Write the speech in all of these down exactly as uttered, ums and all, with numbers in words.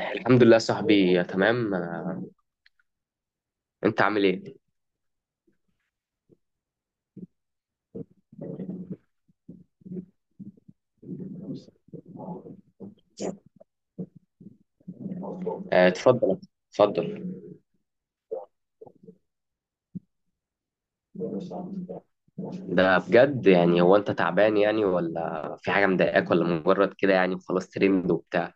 الحمد لله صاحبي تمام. انت عامل ايه؟ اه اتفضل اتفضل ده بجد يعني، هو انت تعبان يعني، ولا في حاجه مضايقاك، ولا مجرد كده يعني خلاص ترند وبتاع؟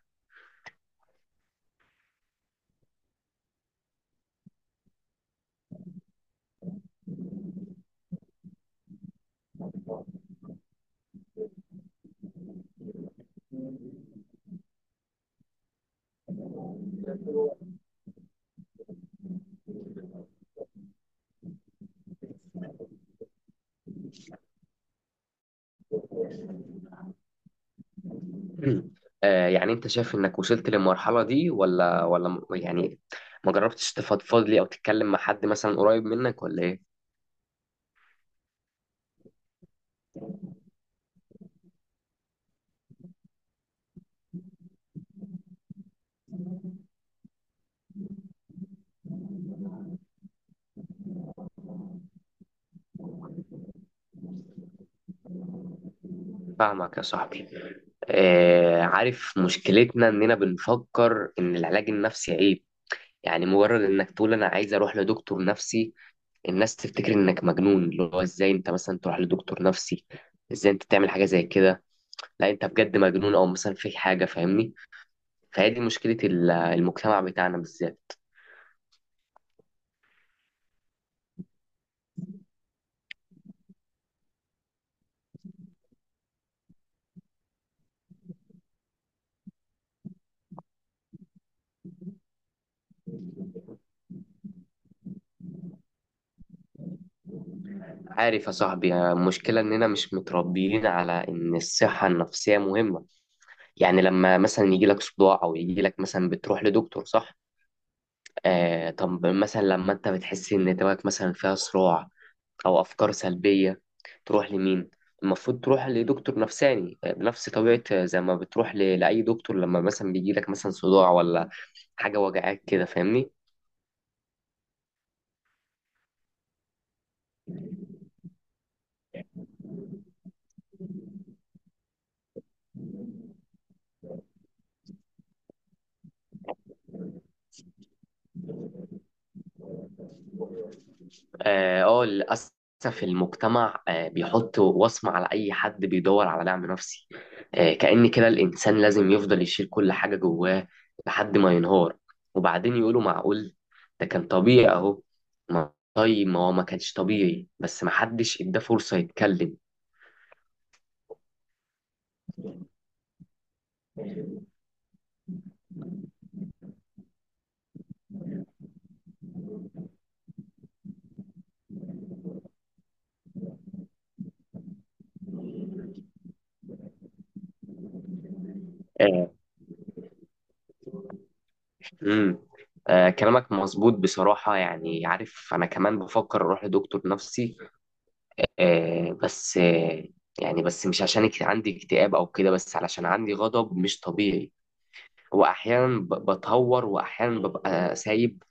اه يعني انت شايف انك وصلت للمرحله دي ولا ولا م- يعني ما جربتش تفضفض لي او تتكلم مع حد مثلا قريب منك ولا ايه؟ فاهمك يا صاحبي. اه، عارف مشكلتنا اننا بنفكر ان العلاج النفسي عيب. يعني مجرد انك تقول انا عايز اروح لدكتور نفسي، الناس تفتكر انك مجنون، اللي هو ازاي انت مثلا تروح لدكتور نفسي، ازاي انت تعمل حاجه زي كده، لا انت بجد مجنون او مثلا في حاجه، فاهمني؟ فهي دي مشكله ال- المجتمع بتاعنا بالذات. عارف يا صاحبي، المشكله اننا مش متربيين على ان الصحه النفسيه مهمه. يعني لما مثلا يجي لك صداع او يجي لك مثلا، بتروح لدكتور صح؟ آه، طب مثلا لما انت بتحس ان دماغك مثلا فيها صراع او افكار سلبيه، تروح لمين؟ المفروض تروح لدكتور نفساني بنفس طبيعه زي ما بتروح ل- لاي دكتور لما مثلا بيجي لك مثلا صداع ولا حاجه وجعاك كده، فاهمني؟ اه، آه، للاسف المجتمع آه، بيحط وصمة على أي حد بيدور على دعم نفسي. آه، كأن كده الإنسان لازم يفضل يشيل كل حاجة جواه لحد ما ينهار، وبعدين يقولوا معقول ده كان طبيعي أهو. ما- طيب ما هو ما كانش طبيعي، بس ما حدش اداه فرصة يتكلم. آه، امم آه كلامك مظبوط بصراحة. يعني عارف أنا كمان بفكر أروح لدكتور نفسي، آه بس آه يعني بس مش عشان اكت- عندي اكتئاب أو كده، بس علشان عندي غضب مش طبيعي. وأحيانا ب- بتهور، وأحيانا ببقى سايب.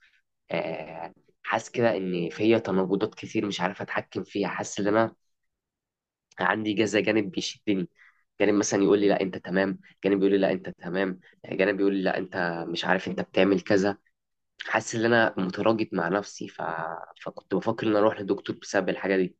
آه حاسس كده إن فيا تناقضات كتير مش عارف أتحكم فيها. حاسس إن أنا عندي كذا جانب بيشدني، جانب مثلا يقول لي لا أنت تمام، جانب يقول لي لا أنت تمام، جانب يقول لي لا أنت مش عارف أنت بتعمل كذا. حاسس ان انا متراجع مع نفسي ف... فكنت بفكر ان اروح لدكتور بسبب الحاجه دي.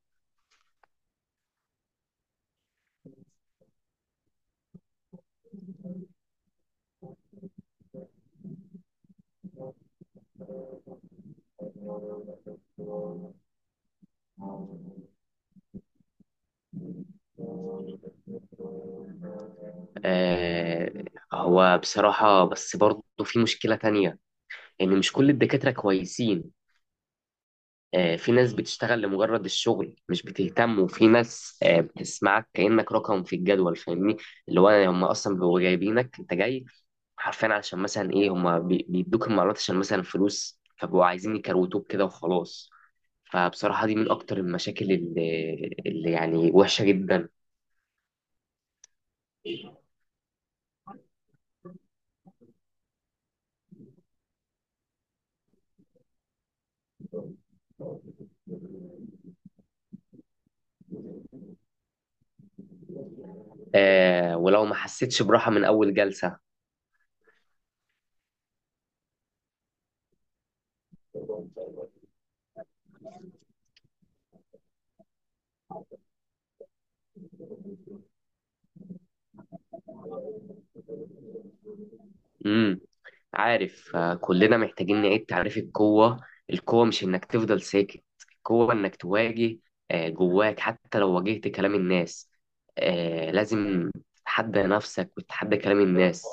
آه، هو بصراحه بس برضه في مشكله تانية، ان مش كل الدكاتره كويسين. آه، في ناس بتشتغل لمجرد الشغل مش بتهتم، وفي ناس آه، بتسمعك كأنك رقم في الجدول، فاهمني؟ اللي هو هم اصلا بيبقوا جايبينك، انت جاي حرفيا علشان مثلا ايه، هم بي- بيدوك المعلومات عشان مثلا فلوس، فبقوا عايزين يكروتوك كده وخلاص. فبصراحة دي من أكتر المشاكل اللي, اللي يعني وحشة جدا. آه، ولو ما حسيتش براحة من أول جلسة. مم. عارف، آه، كلنا محتاجين نعيد تعريف القوة. القوة مش إنك تفضل ساكت، القوة إنك تواجه آه، جواك حتى لو واجهت كلام الناس. آه، لازم تتحدى نفسك وتتحدى كلام الناس.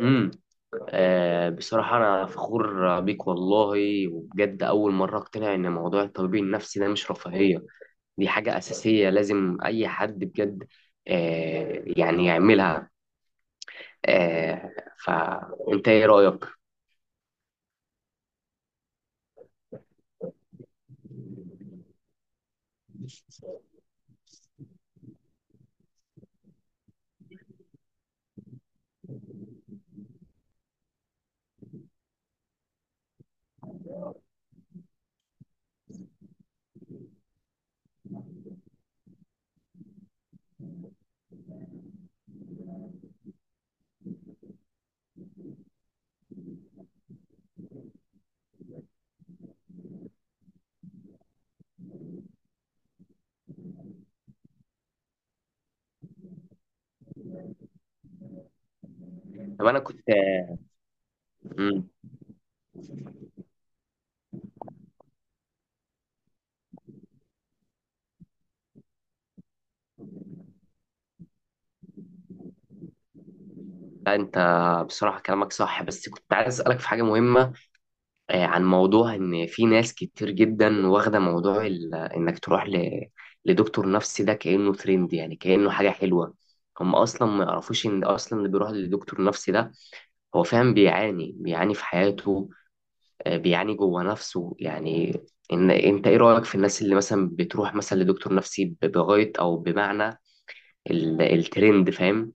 امم آه، بصراحة أنا فخور بيك والله، وبجد أول مرة أقتنع إن موضوع الطبيب النفسي ده مش رفاهية، دي حاجة أساسية لازم أي حد بجد آه، يعني يعملها. آه، فأنت إيه رأيك؟ طب أنا كنت. لا انت، بصراحة كلامك صح، بس كنت عايز اسألك في حاجة مهمة آه، عن موضوع ان في ناس كتير جدا واخدة موضوع ال- انك تروح ل... لدكتور نفسي ده كأنه ترند، يعني كأنه حاجة حلوة. هم اصلا ما يعرفوش ان اصلا اللي بيروح لدكتور نفسي ده هو فعلا بيعاني بيعاني في حياته، آه، بيعاني جوه نفسه يعني. ان انت ايه رأيك في الناس اللي مثلا بتروح مثلا لدكتور نفسي ب- بغاية او بمعنى ال... الترند، فاهم؟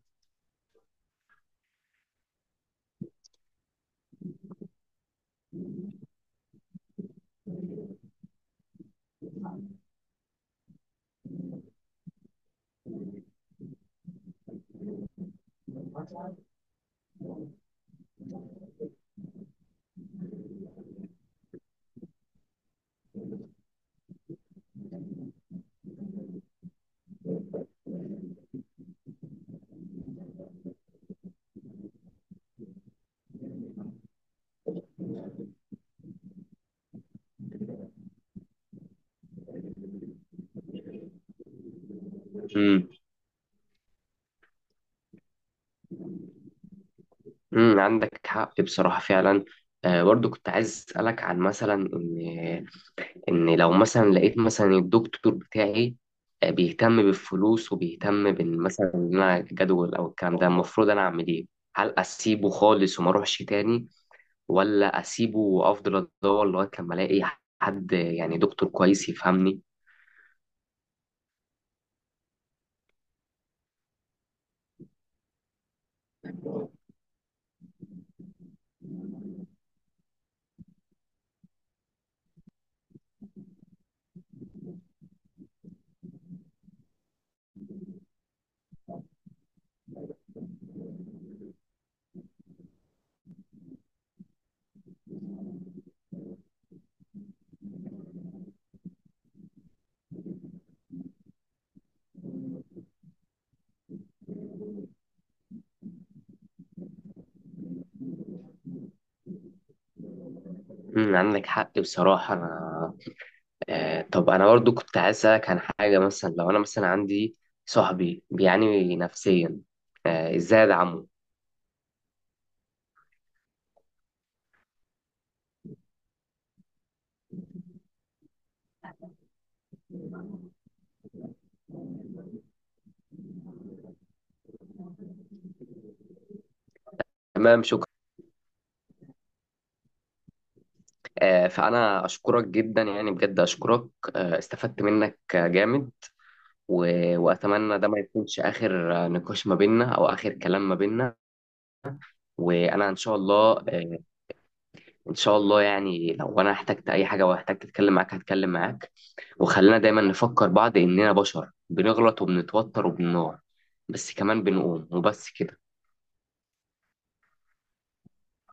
امم عندك حق بصراحة فعلا. آه، برضو كنت عايز أسألك عن مثلا إن إن لو مثلا لقيت مثلا الدكتور بتاعي آه بيهتم بالفلوس وبيهتم بإن مثلا إن أنا جدول أو الكلام ده، المفروض أنا أعمل إيه؟ هل أسيبه خالص وما أروحش تاني، ولا أسيبه وأفضل أدور لغاية لما ألاقي حد يعني دكتور كويس يفهمني؟ امم عندك حق بصراحة. أنا آه، طب انا برضو كنت عايز اسالك عن حاجه، مثلا لو انا مثلا عندي صاحبي بيعاني نفسيا، آه، ازاي ادعمه؟ تمام شكرا. آه، فانا اشكرك جدا، يعني بجد اشكرك. آه، استفدت منك آه، جامد. و- واتمنى ده ما يكونش اخر آه، نقاش ما بيننا او اخر كلام ما بيننا. وانا ان شاء الله آه، ان شاء الله يعني لو انا احتجت اي حاجه واحتجت اتكلم معاك هتكلم معاك. وخلينا دايما نفكر بعض اننا بشر بنغلط وبنتوتر وبنقع، بس كمان بنقوم، وبس كده.